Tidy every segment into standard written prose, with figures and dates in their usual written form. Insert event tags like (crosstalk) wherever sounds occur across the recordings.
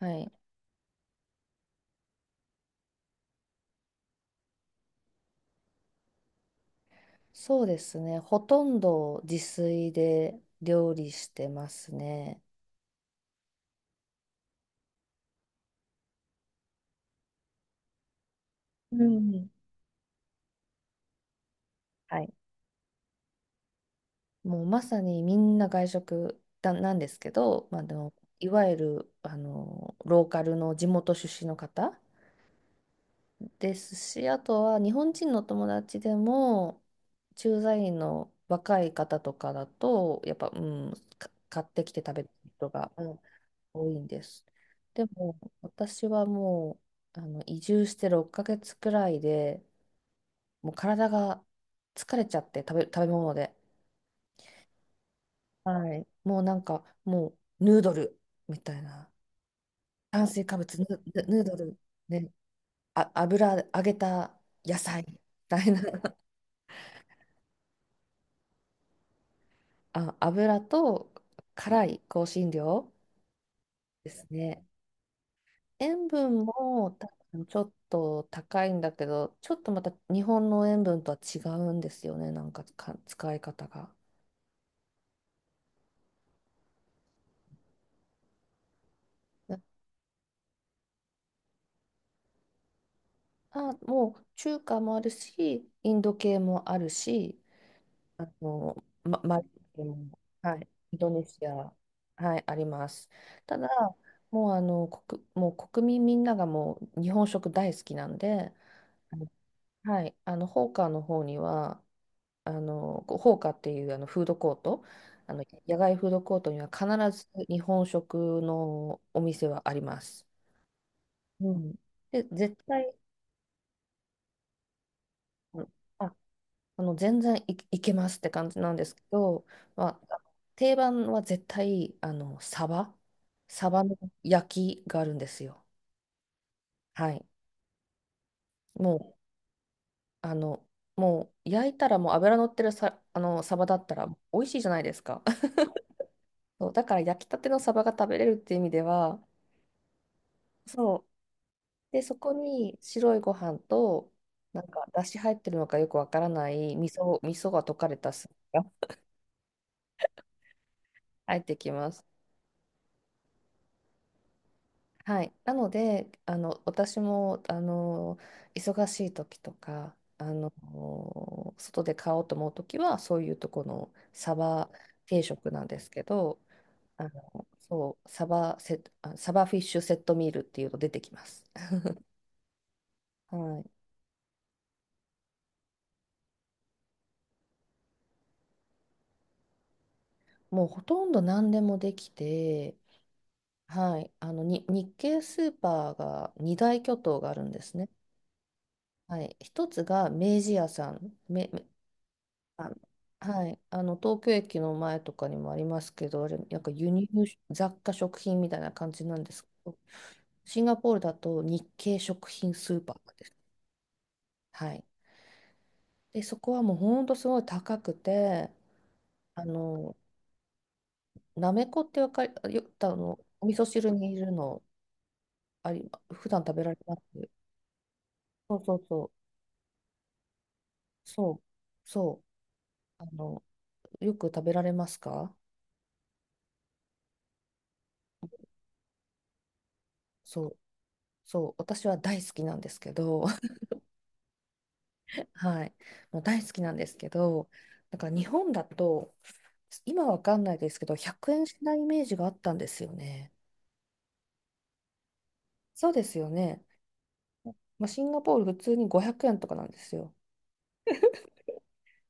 はい。そうですね。ほとんど自炊で料理してますね。うん。はい。もうまさにみんな外食だなんですけど、まあ、でもいわゆるローカルの地元出身の方ですし、あとは日本人の友達でも駐在員の若い方とかだと、やっぱ、うん、買ってきて食べる人が、うん、多いんです。でも私はもう移住して6ヶ月くらいでもう体が疲れちゃって食べ物で、はい、もうなんかもうヌードルみたいな炭水化物、ヌ、ヌヌードル、ね、あ、油揚げた野菜みたいな。 (laughs) 油と辛い香辛料ですね。塩分も多分ちょっと高いんだけど、ちょっとまた日本の塩分とは違うんですよね。なんか、使い方が。もう中華もあるし、インド系もあるし、マリ系も、はい、インドネシア、はい、あります。ただ、もうもう国民みんながもう日本食大好きなんで、あのはい、ホーカーの方には、こうホーカっていうフードコート、野外フードコートには必ず日本食のお店はあります。うん。で、絶対、うん。あ、全然いけますって感じなんですけど、まあ、定番は絶対、サバの焼きがあるんですよ。はい。もう、あの、もう、焼いたら、もう油乗ってるさ、あの、サバだったら美味しいじゃないですか。(laughs) そう、だから焼きたてのサバが食べれるっていう意味では、そう。で、そこに白いご飯と、なんか、だし入ってるのかよくわからない味噌が溶かれたスープが入ってきます。はい。なので、私も、忙しい時とか、外で買おうと思う時は、そういうとこのサバ定食なんですけど、そう、サバフィッシュセットミールっていうの出てきます。はい。もうほとんど何でもできて、はい、あのに日系スーパーが二大巨頭があるんですね。はい、一つが明治屋さん、あ、はい、東京駅の前とかにもありますけど、あれ、なんか輸入雑貨食品みたいな感じなんですけど、シンガポールだと日系食品スーパーです。はい。で、そこはもう本当すごい高くて、あの、なめこってわかり、よ、あの、お味噌汁にいるの、あり、普段食べられます。そうそうそう。そう、そう、あの、よく食べられますか？そう、そう、私は大好きなんですけど、(laughs) はい、もう大好きなんですけど、なんか日本だと、今わかんないですけど、100円しないイメージがあったんですよね。そうですよね。まあ、シンガポール普通に500円とかなんですよ。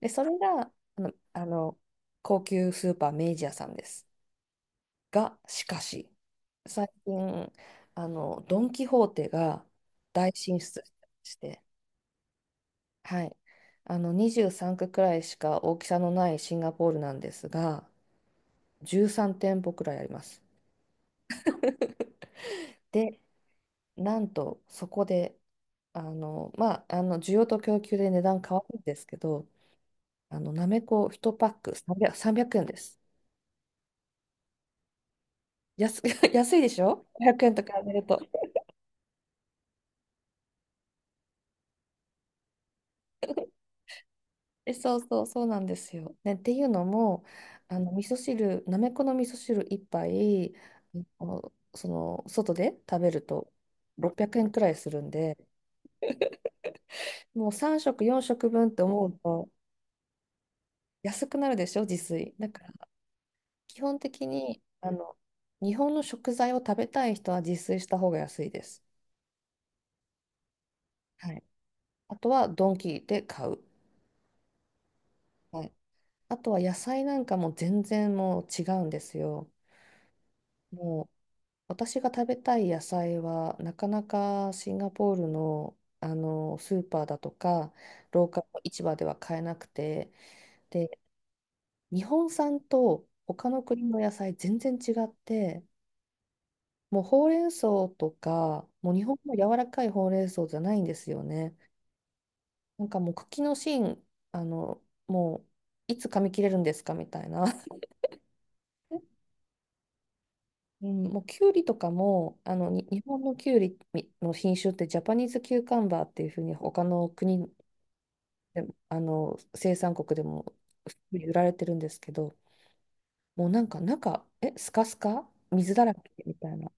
で、それが、高級スーパー明治屋さんです。が、しかし、最近、ドン・キホーテが大進出して、はい。23区くらいしか大きさのないシンガポールなんですが、13店舗くらいあります。(laughs) で、なんとそこで、まあ、需要と供給で値段変わるんですけど、なめこ1パック300、3円です。安、(laughs) 安いでしょ？ 500 円と比べると。え、そうそう、そうなんですよ。ね、っていうのも、味噌汁、なめこの味噌汁一杯、その外で食べると600円くえんくらいするんで、もう3食、4食分って思うと安くなるでしょ、自炊。だから基本的に日本の食材を食べたい人は自炊した方が安いです。はい、あとはドンキで買う。はい、あとは野菜なんかも全然もう違うんですよ。もう私が食べたい野菜は、なかなかシンガポールの、スーパーだとか、ローカルの市場では買えなくて、で、日本産と他の国の野菜全然違って、もうほうれん草とか、もう日本の柔らかいほうれん草じゃないんですよね。なんかもう茎の芯、あの、もういつ噛み切れるんですかみたいな。(laughs) うん、もうキュウリとかもあのに日本のキュウリの品種ってジャパニーズキューカンバーっていうふうに他の国でも生産国でも普通に売られてるんですけど、もうなんか中スカスカ水だらけみたいな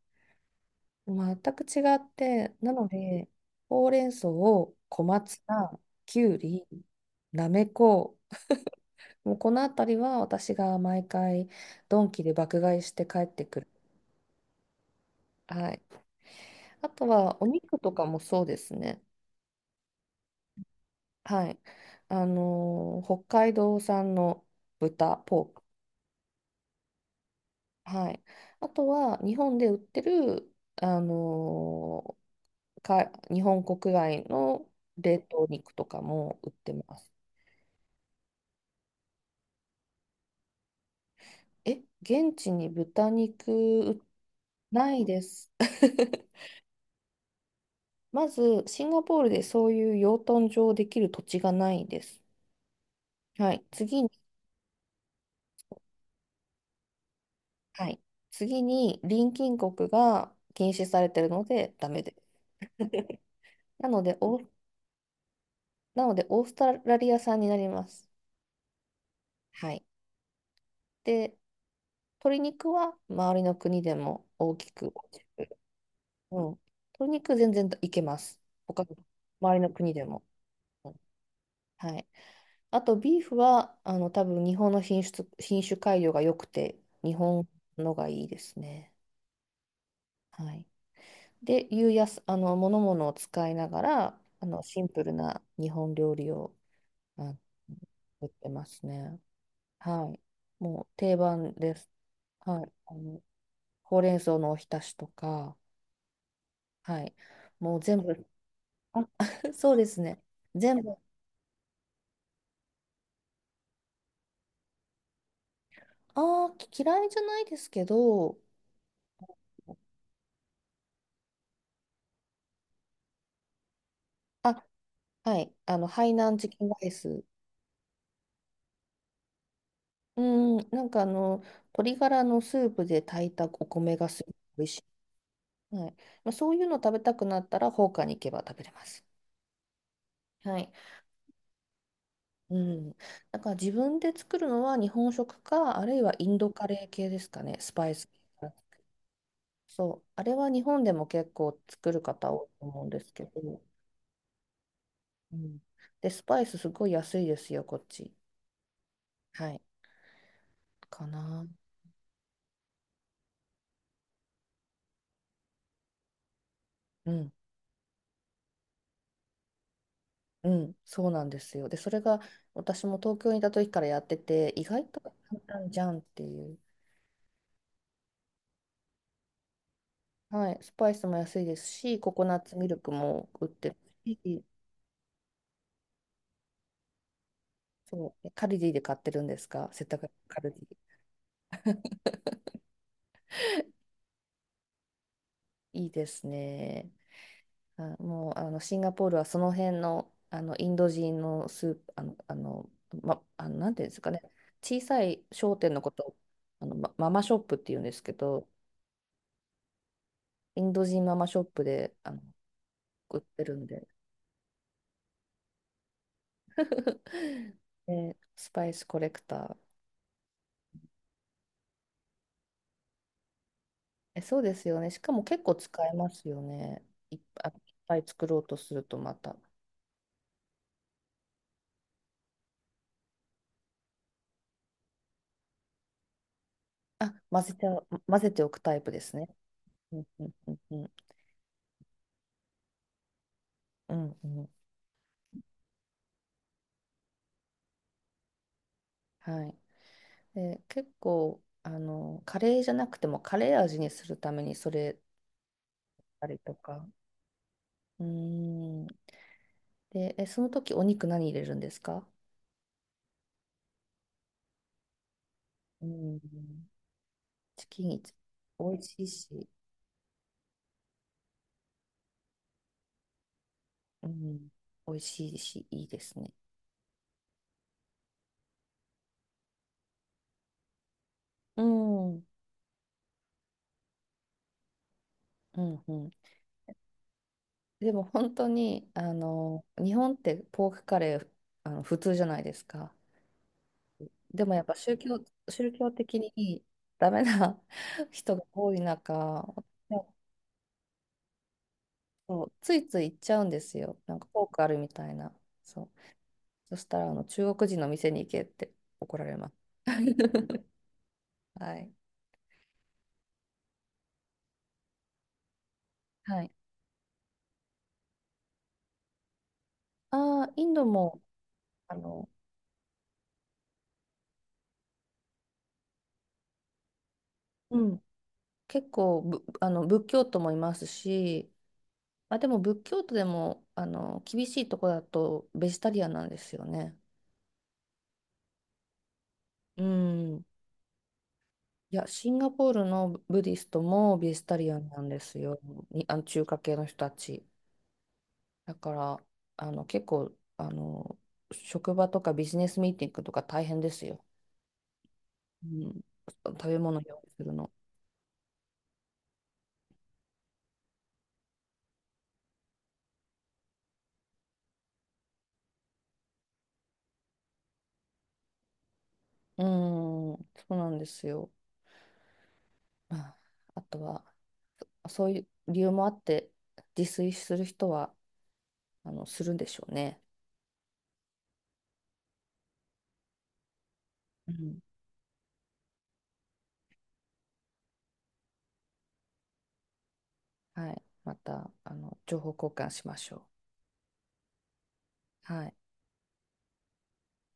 全く違って、なのでほうれん草を小松菜、キュウリ、なめこ、もうこの辺りは私が毎回ドンキで爆買いして帰ってくる。はい、あとはお肉とかもそうですね。はい。北海道産の豚、ポーク。はい。あとは、日本で売ってる、あのーか、日本国外の冷凍肉とかも売ってます。え、現地に豚肉ないです。(laughs) まず、シンガポールでそういう養豚場できる土地がないです。はい。次に、はい。次に、隣近国が禁止されてるので、ダメです。なので、オースなので、オーストラリア産になります。はい。で、鶏肉は周りの国でも大きく、大きくうん。鶏肉全然いけます。他の周りの国でも。うん、はい。あと、ビーフは、多分日本の品質、品種改良が良くて、日本のがいいですね。はい。で、いうやす、あの、ものを使いながら、シンプルな日本料理を、あの、売ってますね。はい。もう定番です。はい、ほうれん草のおひたしとか、はい、もう全部、あ、(laughs) そうですね、全部、ああ、嫌いじゃないですけど、あ、はい、ハイナンチキンライス、うん、なんか鶏ガラのスープで炊いたお米がする、はい、まあ、そういうの食べたくなったら、放火に行けば食べれます。はい、うん、だから自分で作るのは日本食か、あるいはインドカレー系ですかね、スパイス系。そう、あれは日本でも結構作る方多いと思うんですけど、うん、で、スパイスすごい安いですよ、こっち。はい、かな。うん、うん、そうなんですよ。で、それが私も東京にいた時からやってて、意外と簡単じゃんっていう。はい、スパイスも安いですし、ココナッツミルクも売ってるし、そう、カルディで買ってるんですか、せっかくカルディ。いいですね。もうシンガポールはその辺の、インド人のスーあの、あの、ま、あのなんていうんですかね、小さい商店のことをママショップっていうんですけど、インド人ママショップで売ってるんで、(laughs) でスパイスコレクター。え、そうですよね。しかも結構使えますよね。いっぱい、いっぱい作ろうとするとまた。あ、混ぜちゃう、混ぜておくタイプですね。うんうんうんうん。うんうん。はい。で、結構、カレーじゃなくてもカレー味にするためにそれたりとか。うーん。で、その時お肉何入れるんですか？うん。チキン美味しいし、うん。美味しいし、いいですね。うん。うん、うん。でも本当に、日本ってポークカレー、普通じゃないですか。でもやっぱ宗教的にダメな (laughs) 人が多い中、そう、ついつい行っちゃうんですよ。なんかフォークあるみたいな。そう。そしたら、中国人の店に行けって怒られます。(laughs) はい。はい。ああ、インドも、あの、うん、結構ぶ、あの、仏教徒もいますし、まあ、でも仏教徒でも、厳しいとこだとベジタリアンなんですよね。うん。いや、シンガポールのブディストもベジタリアンなんですよ。に、中華系の人たち。だから、結構、職場とかビジネスミーティングとか大変ですよ。うん、食べ物用意するの。うん、そうなんですよ。まあ、あとは、そういう理由もあって、自炊する人は、するんでしょうね。うん、はい。また、情報交換しましょう。はい。